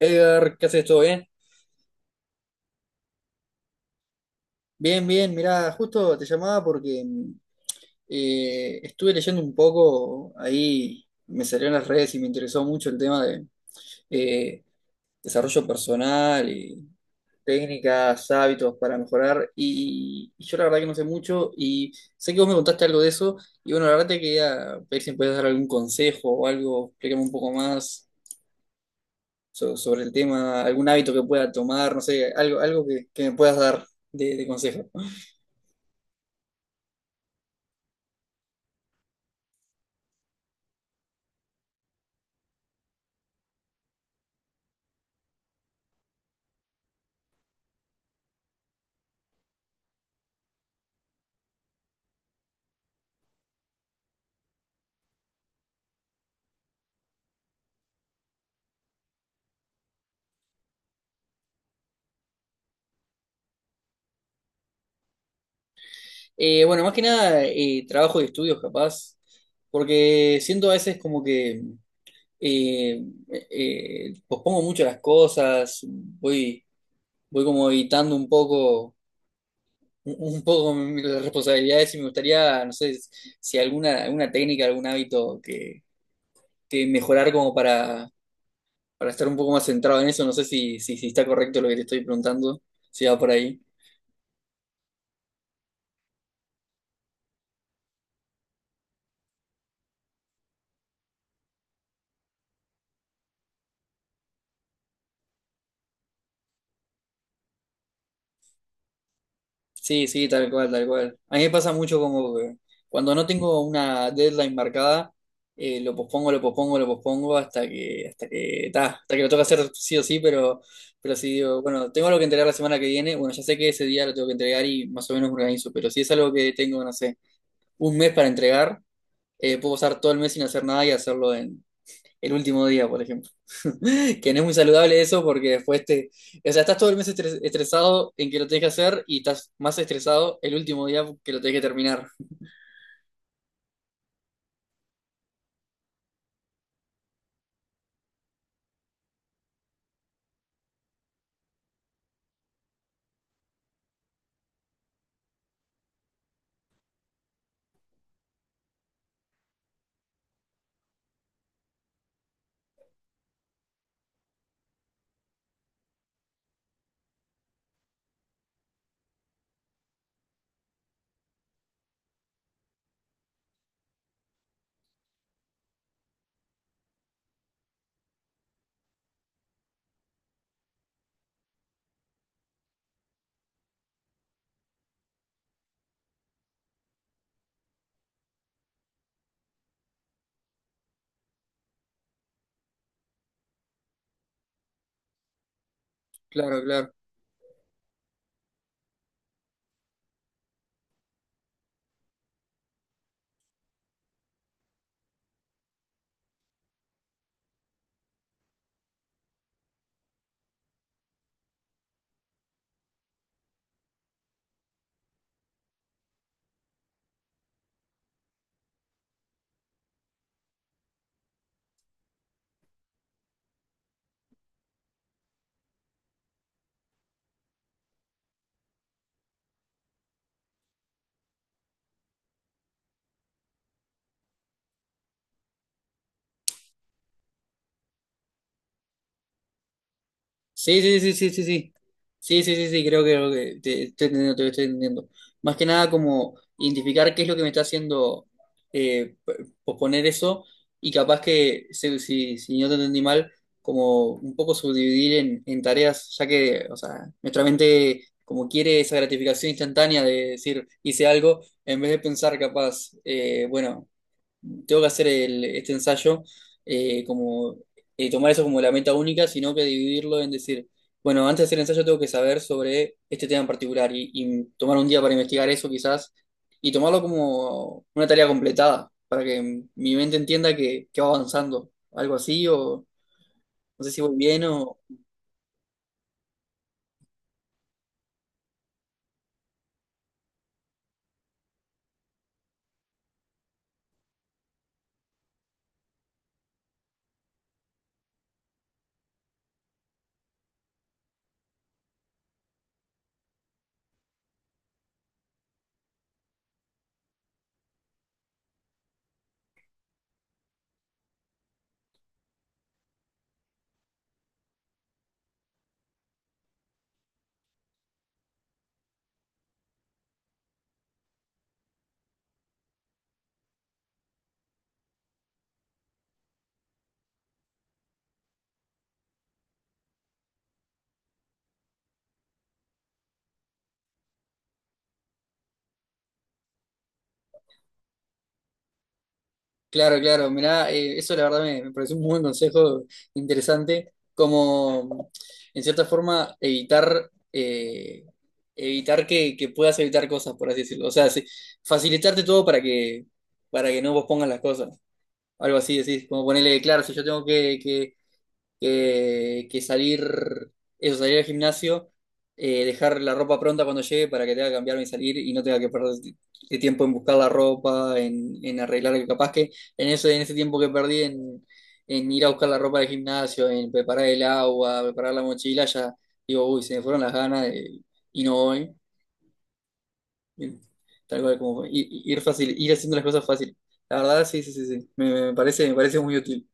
Edgar, ¿qué haces? ¿Todo bien? Bien, bien, mirá, justo te llamaba porque estuve leyendo un poco ahí, me salió en las redes y me interesó mucho el tema de eh, desarrollo personal y técnicas, hábitos para mejorar. Y yo la verdad que no sé mucho y sé que vos me contaste algo de eso. Y bueno, la verdad te quería ver si me podías dar algún consejo o algo, explícame un poco más sobre el tema, algún hábito que pueda tomar, no sé, algo, algo que me puedas dar de consejo. Bueno, más que nada, trabajo y estudios, capaz, porque siento a veces como que eh, pospongo mucho las cosas, voy, voy como evitando un poco, un poco las responsabilidades y me gustaría, no sé, si alguna, alguna técnica, algún hábito que mejorar como para estar un poco más centrado en eso, no sé si está correcto lo que te estoy preguntando, si va por ahí. Sí, sí, tal cual, tal cual. A mí me pasa mucho como que cuando no tengo una deadline marcada, lo pospongo, lo pospongo, lo pospongo hasta que, ta, hasta que lo toca hacer sí o sí, pero sí, digo, bueno, tengo algo que entregar la semana que viene, bueno, ya sé que ese día lo tengo que entregar y más o menos me organizo, pero si es algo que tengo, no sé, un mes para entregar, puedo pasar todo el mes sin hacer nada y hacerlo el último día, por ejemplo. Que no es muy saludable eso porque después te... O sea, estás todo el mes estresado en que lo tenés que hacer y estás más estresado el último día que lo tenés que terminar. Claro, claro. Sí, sí, sí, sí, sí, sí. Sí, sí, sí, sí, creo creo que te estoy entendiendo, te estoy entendiendo. Más que nada como identificar qué es lo que me está haciendo eh, p- posponer eso y capaz que, si no te entendí mal, como un poco subdividir en tareas, ya que, o sea, nuestra mente como quiere esa gratificación instantánea de decir, hice algo, en vez de pensar capaz, bueno, tengo que hacer este ensayo como tomar eso como la meta única, sino que dividirlo en decir, bueno, antes de hacer el ensayo tengo que saber sobre este tema en particular y tomar un día para investigar eso quizás y tomarlo como una tarea completada para que mi mente entienda que va avanzando, algo así o no sé si voy bien o, claro, claro, mirá, eso la verdad me, me pareció un muy buen consejo interesante, como en cierta forma evitar, evitar que puedas evitar cosas, por así decirlo. O sea, sí, facilitarte todo para que no vos pongas las cosas. Algo así, decís, como ponerle, claro, si yo tengo que que salir, eso, salir al gimnasio, dejar la ropa pronta cuando llegue para que tenga que cambiarme y salir y no tenga que perder tiempo en buscar la ropa, en arreglar, que capaz que en eso, en ese tiempo que perdí en ir a buscar la ropa del gimnasio, en preparar el agua, preparar la mochila, ya digo, uy, se me fueron las ganas de- y no voy. Tal cual como fue. Ir, ir fácil, ir haciendo las cosas fácil. La verdad, sí, sí, sí, sí. Me, me parece muy útil.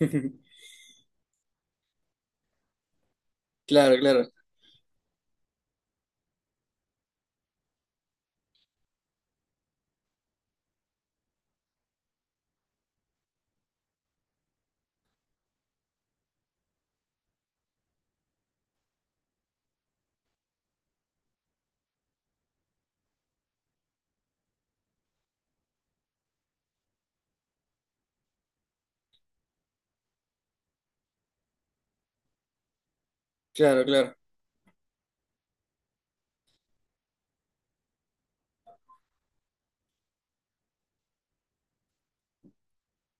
Claro, claro, claro, claro.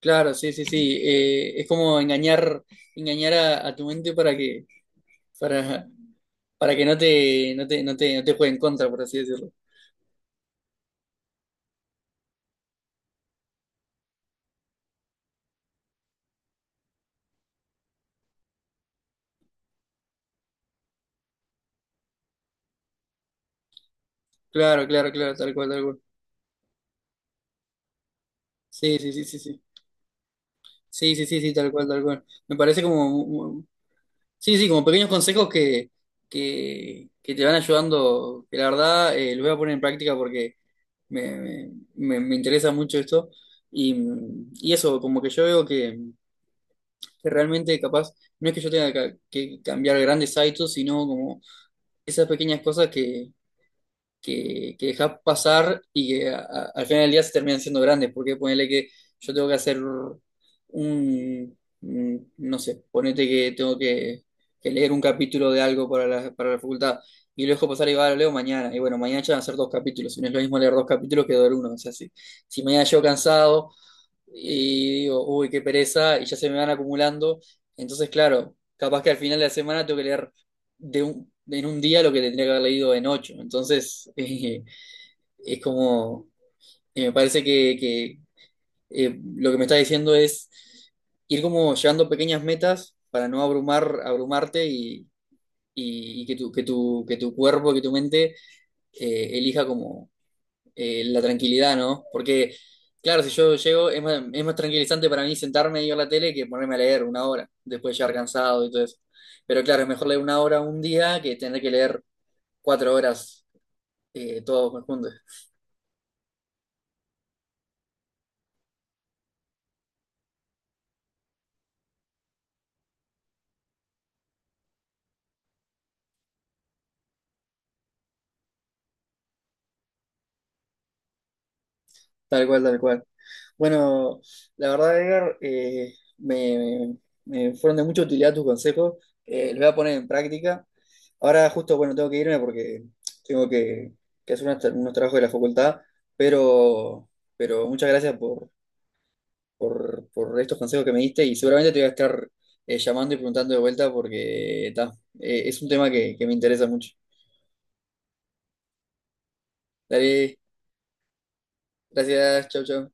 Claro, sí, sí, sí. Es como engañar, engañar a tu mente para, para que no te, no te, no te, no te juegue en contra, por así decirlo. Claro, claro, claro, tal cual, tal cual. Sí, sí, sí, sí, sí. Sí, sí, sí, sí, tal cual, tal cual. Me parece como, sí, sí, como pequeños consejos que te van ayudando, que la verdad los voy a poner en práctica porque me, me, me interesa mucho esto. Y, y eso, como que yo veo que realmente capaz, no es que yo tenga que cambiar grandes hábitos, sino como esas pequeñas cosas que dejás pasar y que al final del día se terminan siendo grandes, porque ponele que yo tengo que hacer un, no sé, ponete que tengo que leer un capítulo de algo para la facultad. Y lo dejo pasar y va, lo leo mañana. Y bueno, mañana ya van a ser dos capítulos. Y no es lo mismo leer dos capítulos que leer uno. O sea, si, si mañana llego cansado y digo, uy, qué pereza, y ya se me van acumulando. Entonces, claro, capaz que al final de la semana tengo que leer de un, en un día lo que tendría que haber leído en ocho. Entonces, es como, me parece lo que me está diciendo es ir como llevando pequeñas metas para no abrumar, abrumarte y, y que tu, que tu, que tu cuerpo, que tu mente elija como la tranquilidad, ¿no? Porque, claro, si yo llego, es más tranquilizante para mí sentarme y ver la tele que ponerme a leer una hora, después de llegar cansado y todo eso. Pero claro, es mejor leer una hora un día que tener que leer cuatro horas todos juntos. Tal cual, tal cual. Bueno, la verdad, Edgar, me, me fueron de mucha utilidad tus consejos. Los voy a poner en práctica. Ahora justo, bueno, tengo que irme porque tengo que hacer unos, unos trabajos de la facultad, pero, pero muchas gracias por por estos consejos que me diste y seguramente te voy a estar llamando y preguntando de vuelta porque ta, es un tema que me interesa mucho. Dale, gracias, chau, chau.